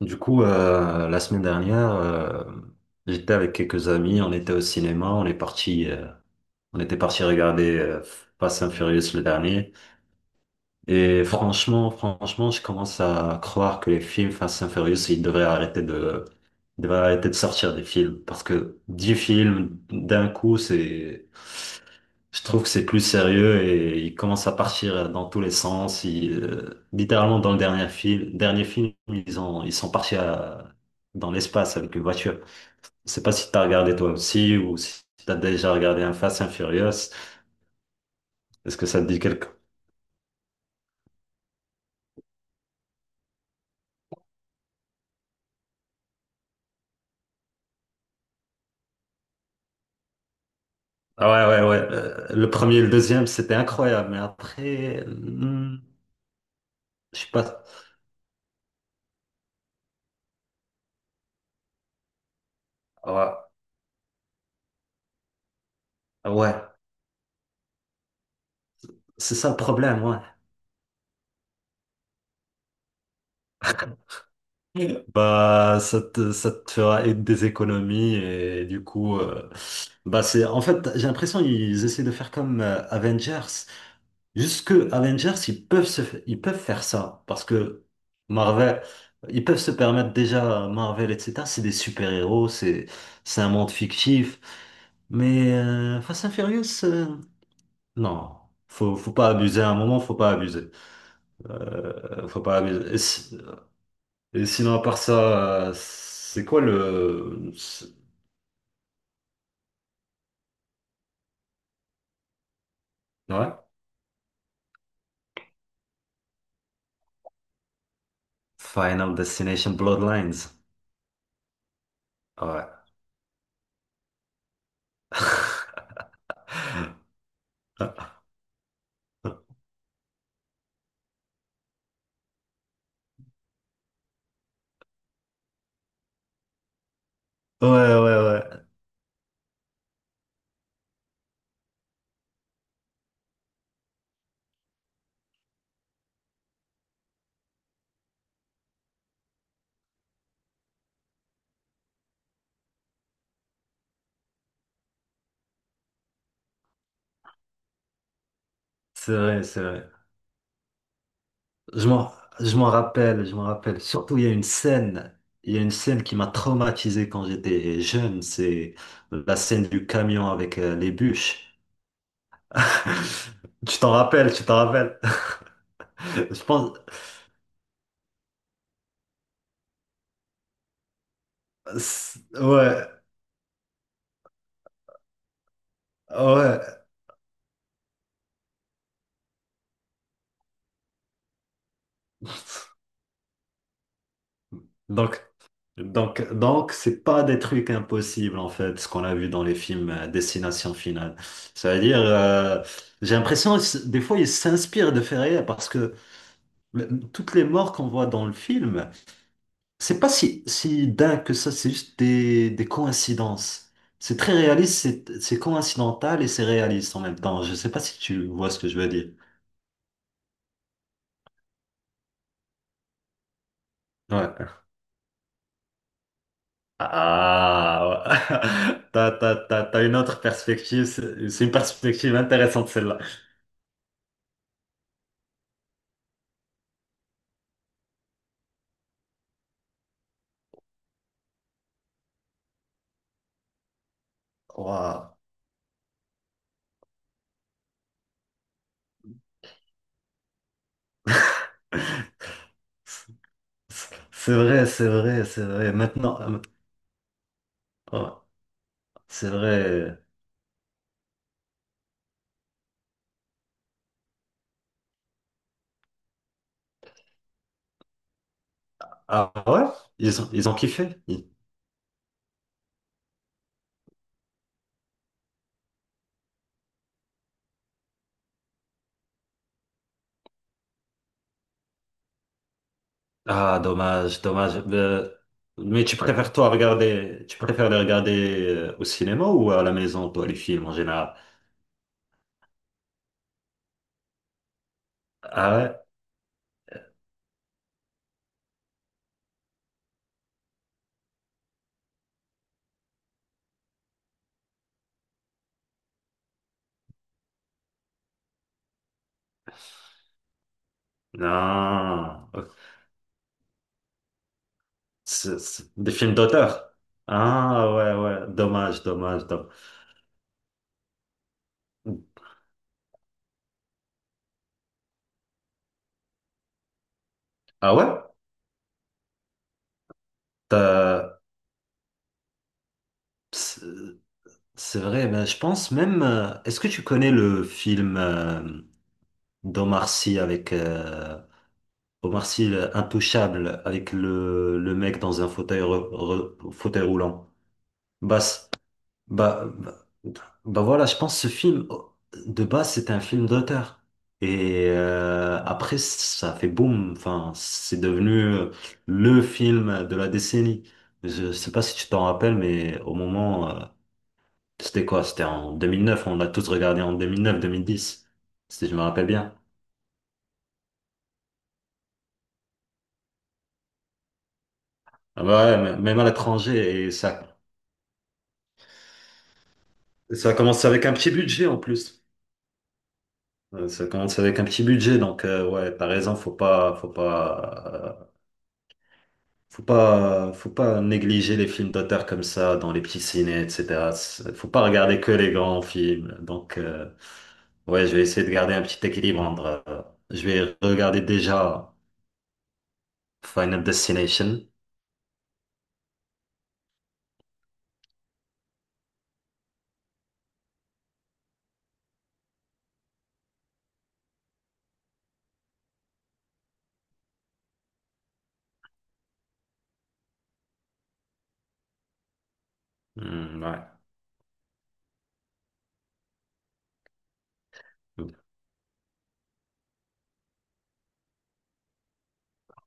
Du coup, la semaine dernière, j'étais avec quelques amis, on était au cinéma, on est parti, on était parti regarder Fast and Furious le dernier. Et franchement, je commence à croire que les films Fast and Furious, ils devraient arrêter de sortir des films parce que 10 films d'un coup, c'est, je trouve que c'est plus sérieux et il commence à partir dans tous les sens. Il, littéralement, dans le dernier film, ils sont partis dans l'espace avec une voiture. Je sais pas si t'as regardé toi aussi ou si t'as déjà regardé un Fast and Furious. Est-ce que ça te dit quelque Ah ouais, ouais, ouais. Le premier et le deuxième, c'était incroyable. Mais après, je sais pas. Ouais, ouais. C'est ça le problème, ouais. Bah, ça te fera être des économies et du coup, bah c'est en fait, j'ai l'impression qu'ils essaient de faire comme Avengers. Jusque Avengers, ils peuvent faire ça parce que Marvel, ils peuvent se permettre déjà Marvel, etc. C'est des super-héros, c'est un monde fictif. Mais Fast and Furious, non, faut pas abuser. À un moment, faut pas abuser. Faut pas abuser. Et sinon, à part ça, c'est quoi le... c'est- Ouais? Final Destination Bloodlines. Ouais. Ah. Ouais, ouais, ouais. C'est vrai, c'est vrai. Je m'en, je m'en rappelle, je m'en rappelle. Surtout, il y a une scène qui m'a traumatisé quand j'étais jeune. C'est la scène du camion avec les bûches. Tu t'en rappelles, tu t'en rappelles. Je pense, ouais, ouais. Donc, donc, c'est pas des trucs impossibles en fait, ce qu'on a vu dans les films Destination Finale. Cest à dire, j'ai l'impression des fois ils s'inspirent de faits réels parce que toutes les morts qu'on voit dans le film, c'est pas si dingue que ça, c'est juste des coïncidences. C'est très réaliste, c'est coïncidental et c'est réaliste en même temps. Je sais pas si tu vois ce que je veux dire. Ouais. Ah, ouais. T'as une autre perspective, c'est une perspective intéressante celle-là. Ouah. C'est vrai, c'est vrai, c'est vrai. Maintenant, ouais, c'est vrai. Ah ouais? Ils ont kiffé? Ils- Ah, dommage, dommage. Mais tu préfères les regarder au cinéma ou à la maison, toi, les films en général? Ah ouais? Non. C'est des films d'auteur. Ah ouais, ouais. Dommage, dommage, dommage. Ah ouais? T'as- C'est vrai, ben, je pense même. Est-ce que tu connais le film d'Omar Sy avec Omar Sy Intouchable avec le mec dans un fauteuil fauteuil roulant? Bah, bah, bah, voilà, je pense ce film oh, de base c'était un film d'auteur et après ça a fait boum. Enfin, c'est devenu le film de la décennie. Je sais pas si tu t'en rappelles, mais au moment c'était quoi? C'était en 2009, on l'a tous regardé en 2009-2010, si je me rappelle bien. Ah bah ouais, même à l'étranger, et ça commence avec un petit budget en plus. Ça commence avec un petit budget, donc ouais, t'as raison, faut pas négliger les films d'auteur comme ça dans les petits ciné, etc. C'est- Faut pas regarder que les grands films. Donc ouais, je vais essayer de garder un petit équilibre entre, je vais regarder déjà Final Destination. Hmm, ouais.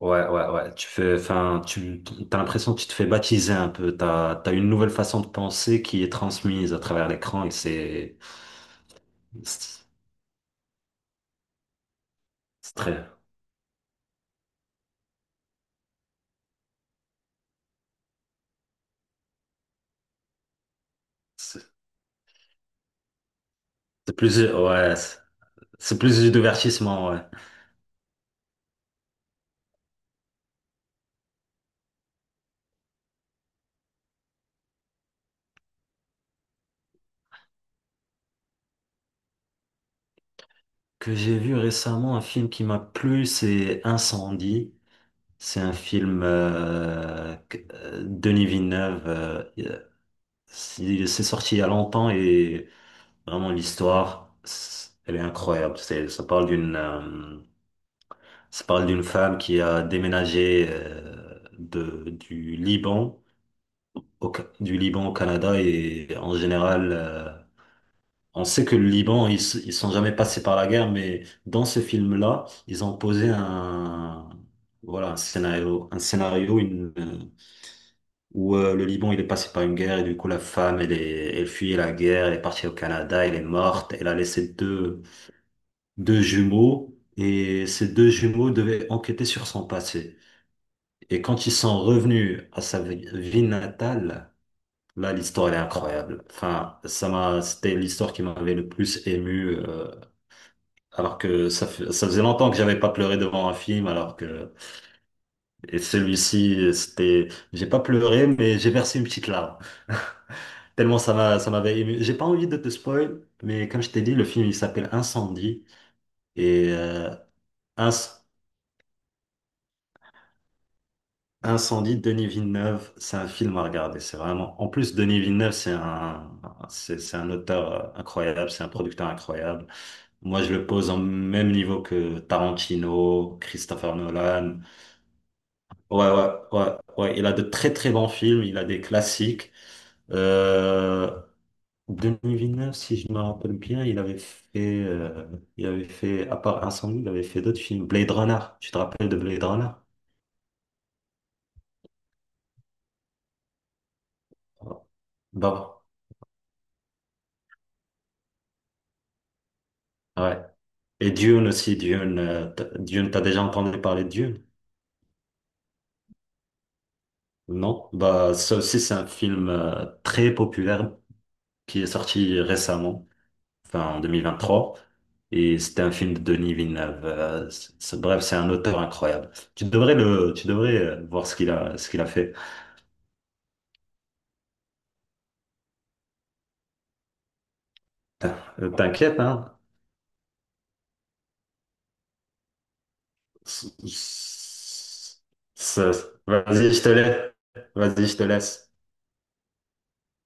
Ouais, ouais, ouais. Enfin, t'as l'impression que tu te fais baptiser un peu. T'as une nouvelle façon de penser qui est transmise à travers l'écran et c'est, c'est très, c'est c'est plus, ouais, c'est plus du divertissement, ouais. Que j'ai vu récemment, un film qui m'a plu, c'est Incendie. C'est un film Denis Villeneuve. C'est sorti il y a longtemps et vraiment l'histoire, elle est incroyable. C'est, ça parle d'une Ça parle d'une femme qui a déménagé du Liban du Liban au Canada et en général, on sait que le Liban, ils sont jamais passés par la guerre, mais dans ce film-là, ils ont posé un, voilà, un scénario, où le Liban, il est passé par une guerre et du coup, la femme, elle fuyait la guerre, elle est partie au Canada, elle est morte, elle a laissé deux, deux jumeaux et ces deux jumeaux devaient enquêter sur son passé. Et quand ils sont revenus à sa ville natale, là, l'histoire, elle est incroyable. Enfin, c'était l'histoire qui m'avait le plus ému, alors que ça faisait longtemps que j'avais pas pleuré devant un film, alors que, et celui-ci, c'était, j'ai pas pleuré, mais j'ai versé une petite larme. Tellement ça m'avait ému. J'ai pas envie de te spoil, mais comme je t'ai dit, le film, il s'appelle Incendie, et, Inc- Incendie de Denis Villeneuve, c'est un film à regarder. C'est vraiment. En plus, Denis Villeneuve, c'est un auteur incroyable, c'est un producteur incroyable. Moi, je le pose au même niveau que Tarantino, Christopher Nolan. Ouais, ouais, ouais, ouais. Il a de très très bons films. Il a des classiques. Euh, Denis Villeneuve, si je me rappelle bien, il avait fait, à part Incendie, il avait fait d'autres films. Blade Runner. Tu te rappelles de Blade Runner? Bah, ouais. Et Dune aussi, Dune, t'as déjà entendu parler de Dune? Non? Bah, ça aussi, c'est un film très populaire qui est sorti récemment, enfin en 2023. Et c'était un film de Denis Villeneuve. Bref, c'est un auteur incroyable. Tu devrais voir ce qu'il a fait. T'inquiète, hein? S- s- Vas-y, je te laisse. Vas-y, je te laisse.